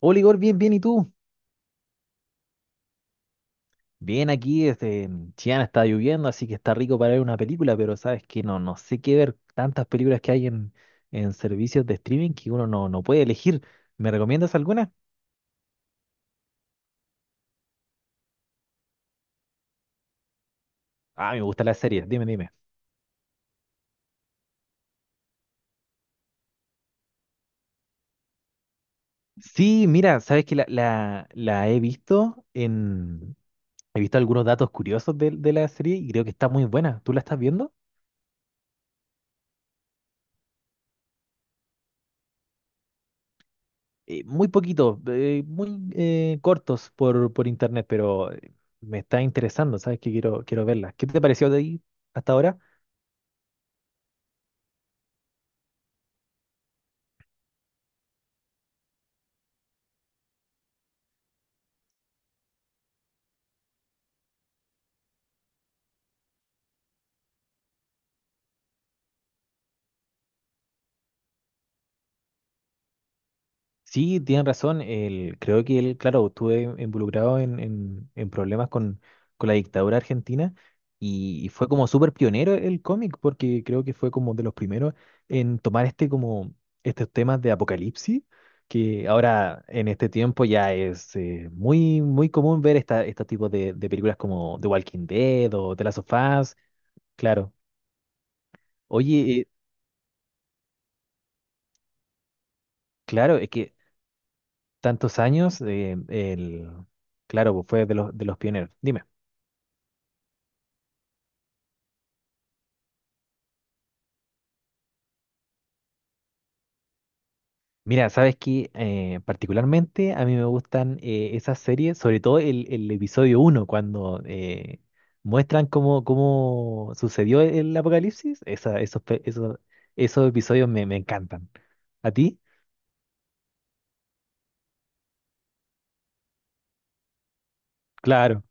Hola Igor, bien, bien, ¿y tú? Bien, aquí este, en Chillán está lloviendo, así que está rico para ver una película, pero sabes que no, no sé qué ver. Tantas películas que hay en servicios de streaming que uno no, no puede elegir. ¿Me recomiendas alguna? Ah, me gusta la serie, dime, dime. Sí, mira, sabes que la he visto en... He visto algunos datos curiosos de la serie y creo que está muy buena. ¿Tú la estás viendo? Muy poquitos, muy cortos por internet, pero me está interesando, ¿sabes? Que quiero, quiero verlas. ¿Qué te pareció de ahí hasta ahora? Sí, tienen razón. El, creo que él, claro, estuve involucrado en problemas con la dictadura argentina y fue como súper pionero el cómic, porque creo que fue como de los primeros en tomar este como estos temas de apocalipsis, que ahora en este tiempo ya es muy, muy común ver esta, estos tipos de películas como The Walking Dead o The Last of Us, claro. Oye, claro, es que tantos años, el, claro, pues fue de los pioneros. Dime. Mira, sabes que particularmente a mí me gustan esas series, sobre todo el episodio uno cuando muestran cómo, cómo sucedió el apocalipsis. Esa, esos, pe- esos, esos episodios me, me encantan. ¿A ti? Claro,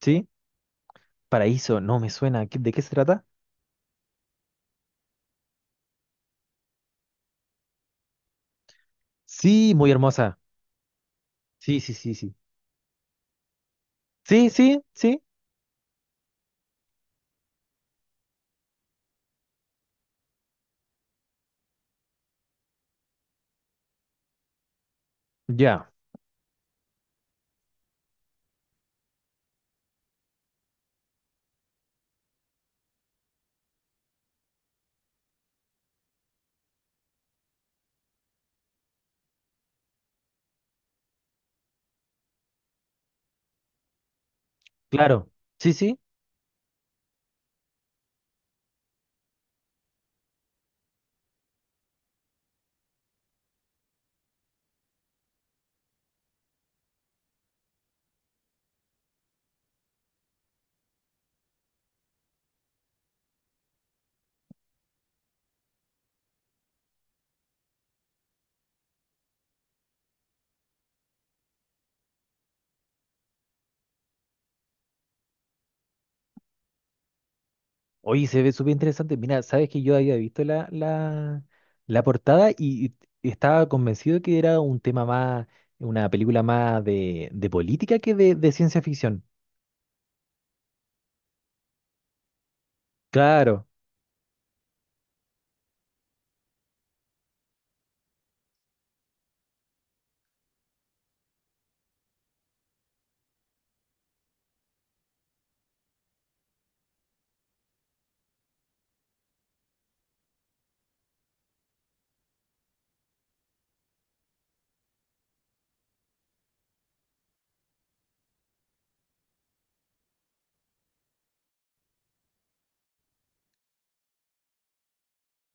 ¿sí? Paraíso, no me suena. ¿Qué- ¿De qué se trata? Sí, muy hermosa. Sí, sí, sí, sí. Sí, sí, sí. Ya, claro. Sí, sí. Oye, se ve súper interesante. Mira, sabes que yo había visto la portada y estaba convencido que era un tema más, una película más de política que de ciencia ficción. Claro,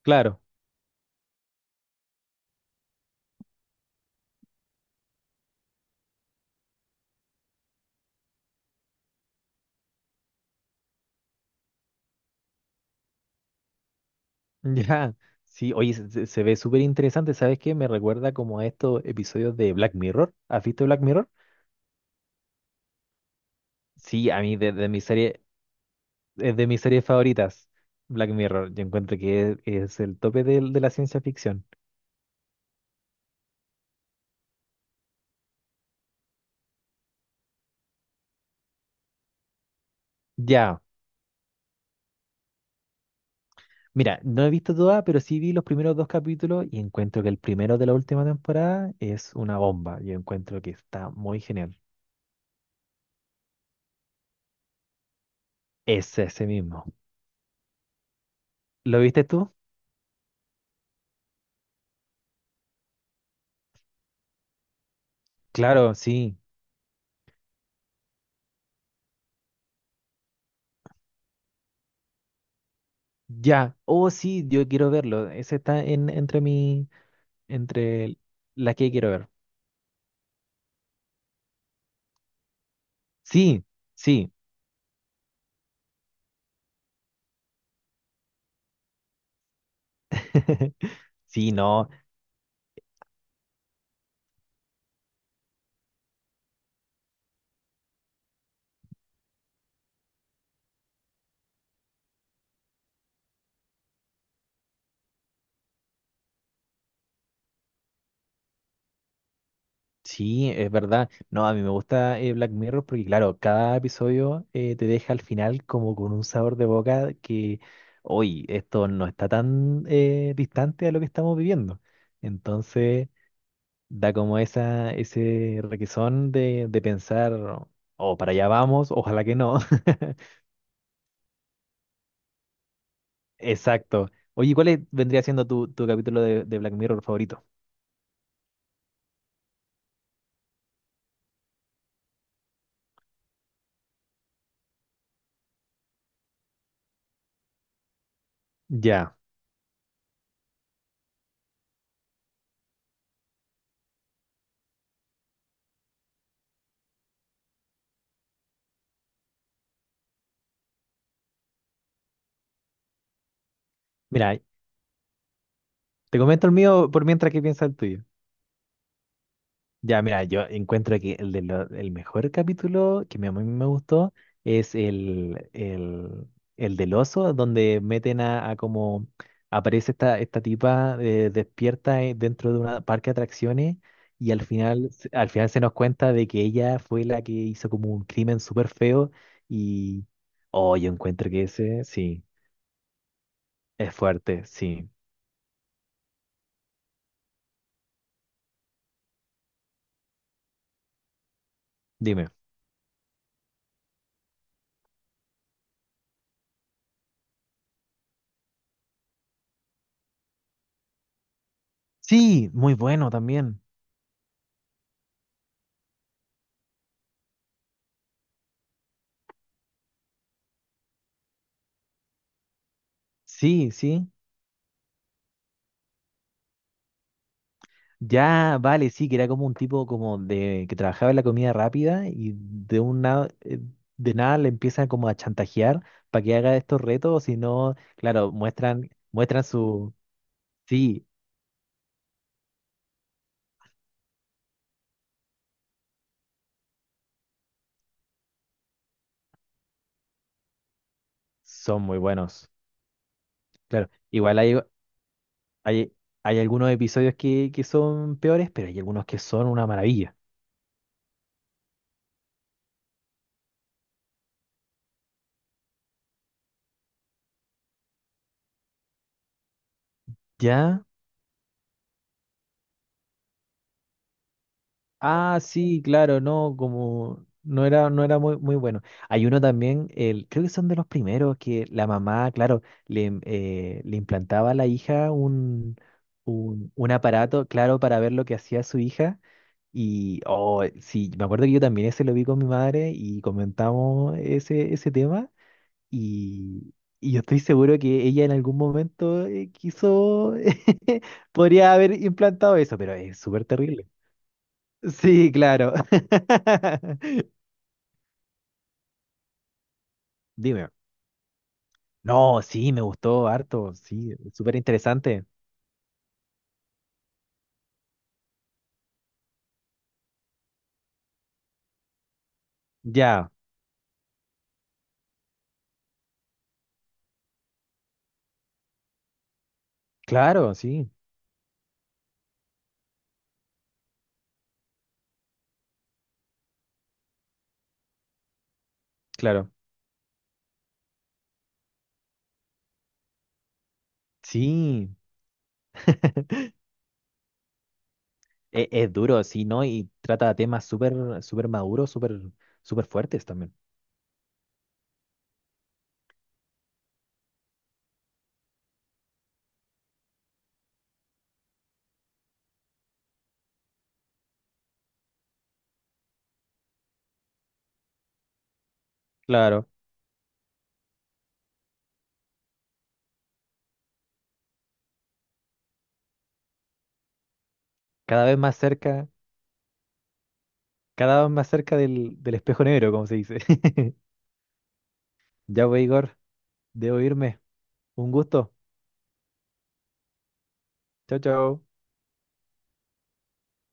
claro. Ya. Sí, oye, se ve súper interesante. ¿Sabes qué? Me recuerda como a estos episodios de Black Mirror. ¿Has visto Black Mirror? Sí, a mí de mi serie, es de mis series favoritas, Black Mirror. Yo encuentro que es el tope de la ciencia ficción. Ya. Mira, no he visto toda, pero sí vi los primeros dos capítulos y encuentro que el primero de la última temporada es una bomba. Yo encuentro que está muy genial. Es ese mismo. ¿Lo viste tú? Claro, sí. Ya. Oh, sí, yo quiero verlo. Ese está en, entre mi, entre las que quiero ver. Sí, sí. Sí, no. Sí, es verdad. No, a mí me gusta Black Mirror porque, claro, cada episodio te deja al final como con un sabor de boca que, hoy, esto no está tan distante a lo que estamos viviendo. Entonces, da como esa, ese requesón de pensar, oh, oh, para allá vamos, ojalá que no. Exacto. Oye, ¿cuál es- vendría siendo tu, tu capítulo de Black Mirror favorito? Ya. Mira, te comento el mío por mientras que piensa el tuyo. Ya, mira, yo encuentro que el, el mejor capítulo a mí me gustó es el del oso, donde meten a como aparece esta, esta tipa despierta dentro de un parque de atracciones y al final, al final se nos cuenta de que ella fue la que hizo como un crimen súper feo y, oh, yo encuentro que ese, sí, es fuerte, sí. Dime. Sí, muy bueno también. Sí, sí. Ya, vale, sí, que era como un tipo como de que trabajaba en la comida rápida y de un eh, de nada le empiezan como a chantajear para que haga estos retos, si no, claro, muestran, muestran su, sí, son muy buenos. Claro, igual hay, hay, hay algunos episodios que son peores, pero hay algunos que son una maravilla. ¿Ya? Ah, sí, claro, no, como no era, no era muy, muy bueno. Hay uno también, el, creo que son de los primeros, que la mamá, claro, le, im- le implantaba a la hija un aparato, claro, para ver lo que hacía su hija. Y, oh, sí, me acuerdo que yo también ese lo vi con mi madre y comentamos ese, ese tema. Y, y yo estoy seguro que ella en algún momento quiso, podría haber implantado eso, pero es súper terrible. Sí, claro. Dime. No, sí, me gustó harto, sí, súper interesante. Ya, claro, sí, claro. Sí. Es duro, sí, ¿no? Y trata temas súper, súper maduros, súper, súper fuertes también. Claro. Cada vez más cerca, cada vez más cerca del espejo negro, como se dice. Ya voy, Igor. Debo irme. Un gusto. Chao, chao.